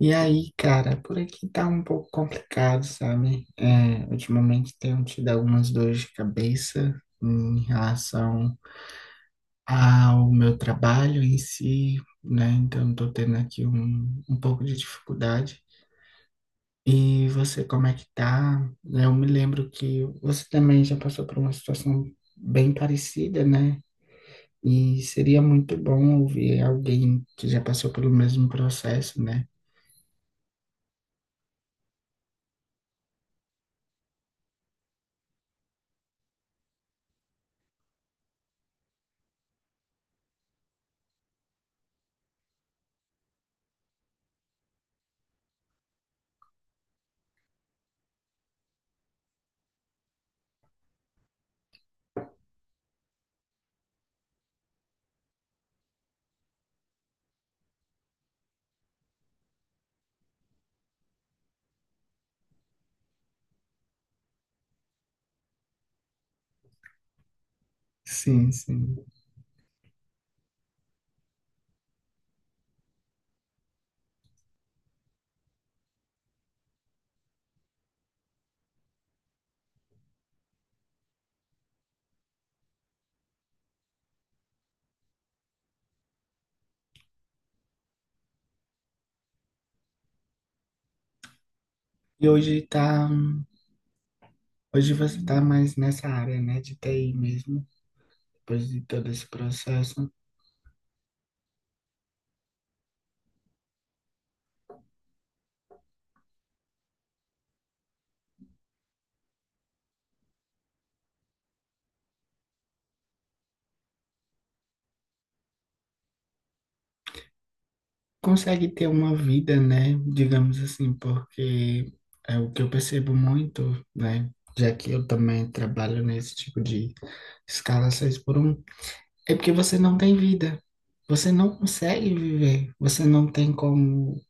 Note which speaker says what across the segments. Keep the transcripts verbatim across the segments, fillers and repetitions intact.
Speaker 1: E aí, cara, por aqui tá um pouco complicado, sabe? É, ultimamente tenho tido algumas dores de cabeça em relação ao meu trabalho em si, né? Então, tô tendo aqui um, um pouco de dificuldade. E você, como é que tá? Eu me lembro que você também já passou por uma situação bem parecida, né? E seria muito bom ouvir alguém que já passou pelo mesmo processo, né? Sim, sim. E hoje tá. Hoje você está mais nessa área, né, de T I mesmo, depois de todo esse processo. Consegue ter uma vida, né, digamos assim, porque é o que eu percebo muito, né, já que eu também trabalho nesse tipo de escala seis por um, é porque você não tem vida. Você não consegue viver, você não tem como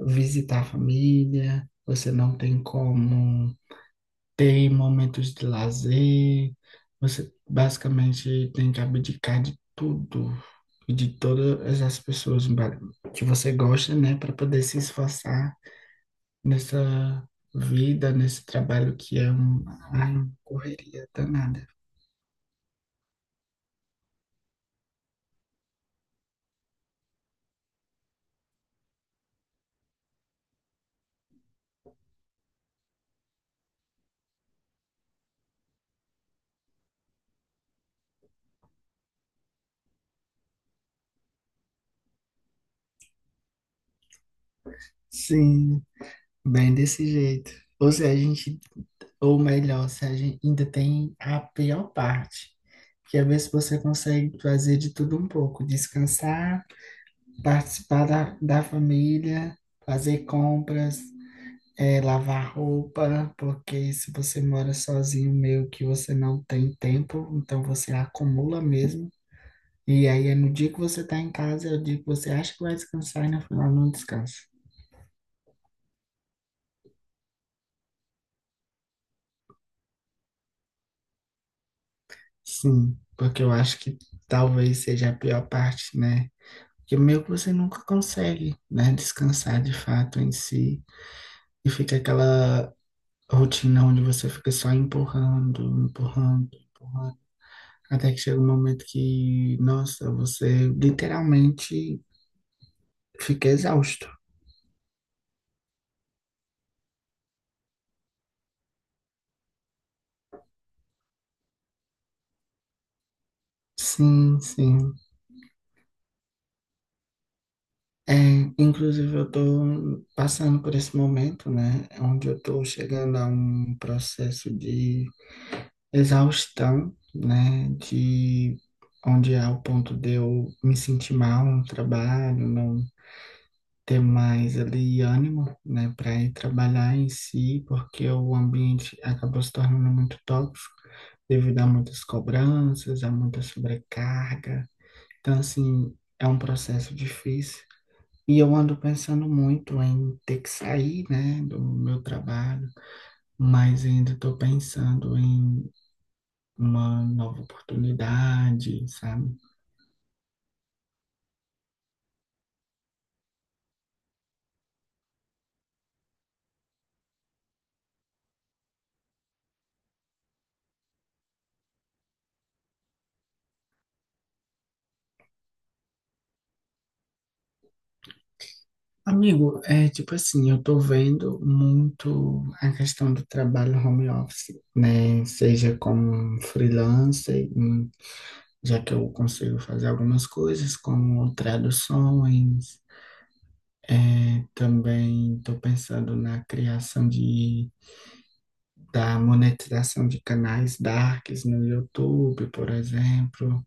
Speaker 1: visitar a família, você não tem como ter momentos de lazer, você basicamente tem que abdicar de tudo e de todas as pessoas ba- que você gosta, né, para poder se esforçar nessa vida, nesse trabalho que é um- ai, uma correria danada. Sim, bem desse jeito. Ou se a gente, ou melhor, se a gente ainda tem a pior parte, que é ver se você consegue fazer de tudo um pouco, descansar, participar da, da família, fazer compras, eh, lavar roupa, porque se você mora sozinho, meio que você não tem tempo, então você acumula mesmo. E aí é no dia que você tá em casa, é o dia que você acha que vai descansar e no final não descansa. Sim, porque eu acho que talvez seja a pior parte, né? Que meio que você nunca consegue, né, descansar de fato em si. E fica aquela rotina onde você fica só empurrando, empurrando, empurrando. Até que chega um momento que, nossa, você literalmente fica exausto. Sim, sim. É, inclusive, eu estou passando por esse momento, né, onde eu estou chegando a um processo de exaustão, né, de onde é o ponto de eu me sentir mal no trabalho, não ter mais ali ânimo, né, para ir trabalhar em si, porque o ambiente acabou se tornando muito tóxico, devido a muitas cobranças, a muita sobrecarga. Então, assim, é um processo difícil. E eu ando pensando muito em ter que sair, né, do meu trabalho, mas ainda estou pensando em uma nova oportunidade, sabe? Amigo, é tipo assim, eu tô vendo muito a questão do trabalho home office, né? Seja como um freelancer, hum, já que eu consigo fazer algumas coisas como traduções. É, também estou pensando na criação de, da monetização de canais darks no YouTube, por exemplo,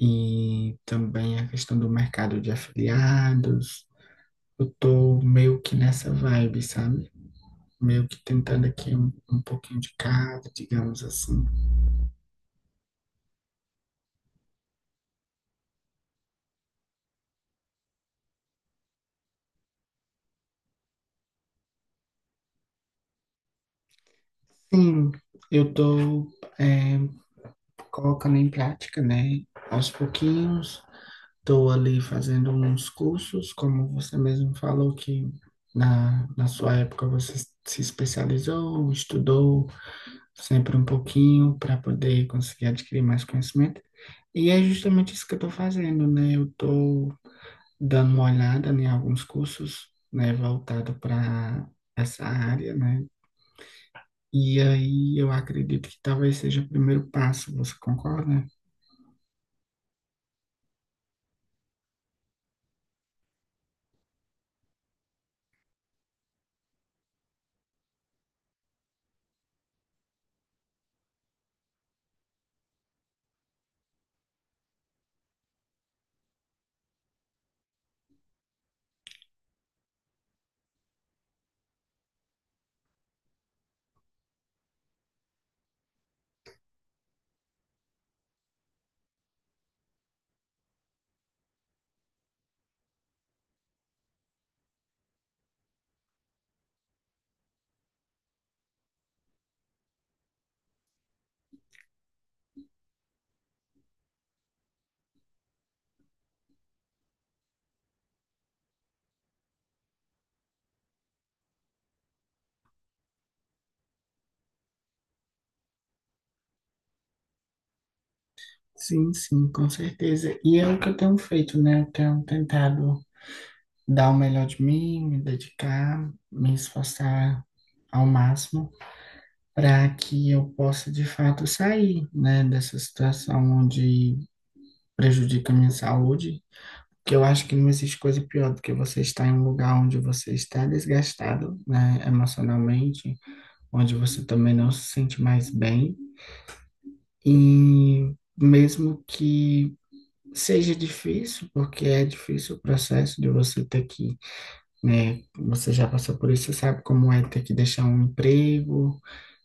Speaker 1: e também a questão do mercado de afiliados. Eu estou meio que nessa vibe, sabe? Meio que tentando aqui um, um pouquinho de cada, digamos assim. Sim, eu estou colocando em prática, né? Aos pouquinhos. Estou ali fazendo uns cursos, como você mesmo falou que na, na sua época você se especializou, estudou sempre um pouquinho para poder conseguir adquirir mais conhecimento. E é justamente isso que eu estou fazendo, né? Eu estou dando uma olhada em alguns cursos, né, voltado para essa área, né? E aí eu acredito que talvez seja o primeiro passo, você concorda? Sim, sim, com certeza. E é o que eu tenho feito, né? Eu tenho tentado dar o melhor de mim, me dedicar, me esforçar ao máximo para que eu possa de fato sair, né, dessa situação onde prejudica a minha saúde. Que eu acho que não existe coisa pior do que você estar em um lugar onde você está desgastado, né, emocionalmente, onde você também não se sente mais bem, e mesmo que seja difícil, porque é difícil o processo de você ter que, né, você já passou por isso, você sabe como é ter que deixar um emprego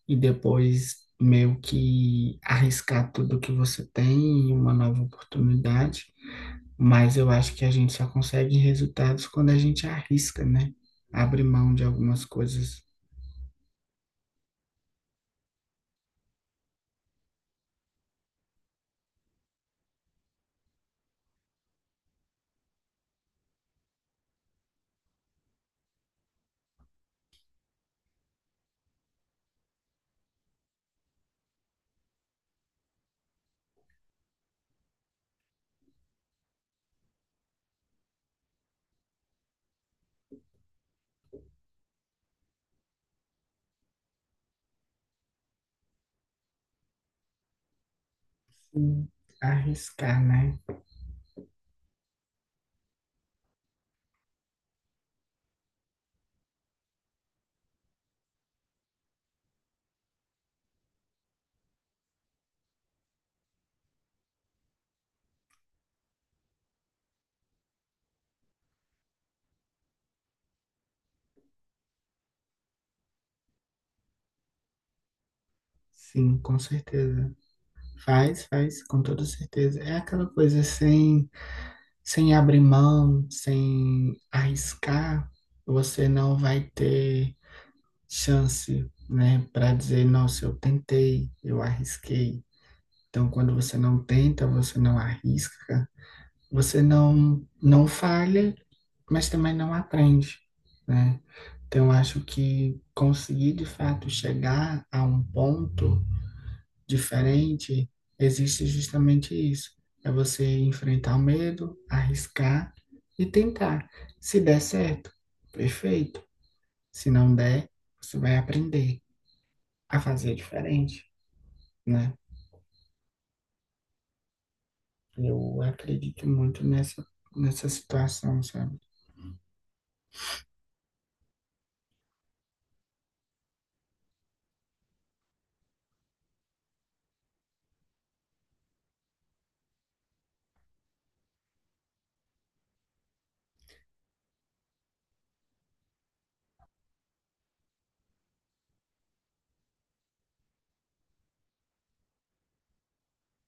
Speaker 1: e depois meio que arriscar tudo que você tem em uma nova oportunidade. Mas eu acho que a gente só consegue resultados quando a gente arrisca, né? Abre mão de algumas coisas. Sim, arriscar, né? Sim, com certeza. Faz, faz, com toda certeza. É aquela coisa sem, sem abrir mão, sem arriscar, você não vai ter chance, né, para dizer, nossa, eu tentei, eu arrisquei. Então, quando você não tenta, você não arrisca, você não, não falha, mas também não aprende, né? Então, eu acho que conseguir de fato chegar a um ponto diferente, existe justamente isso. É você enfrentar o medo, arriscar e tentar. Se der certo, perfeito. Se não der, você vai aprender a fazer diferente, né? Eu acredito muito nessa, nessa situação, sabe?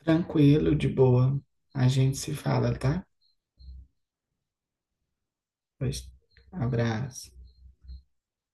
Speaker 1: Tranquilo, de boa. A gente se fala, tá? Pois, abraço.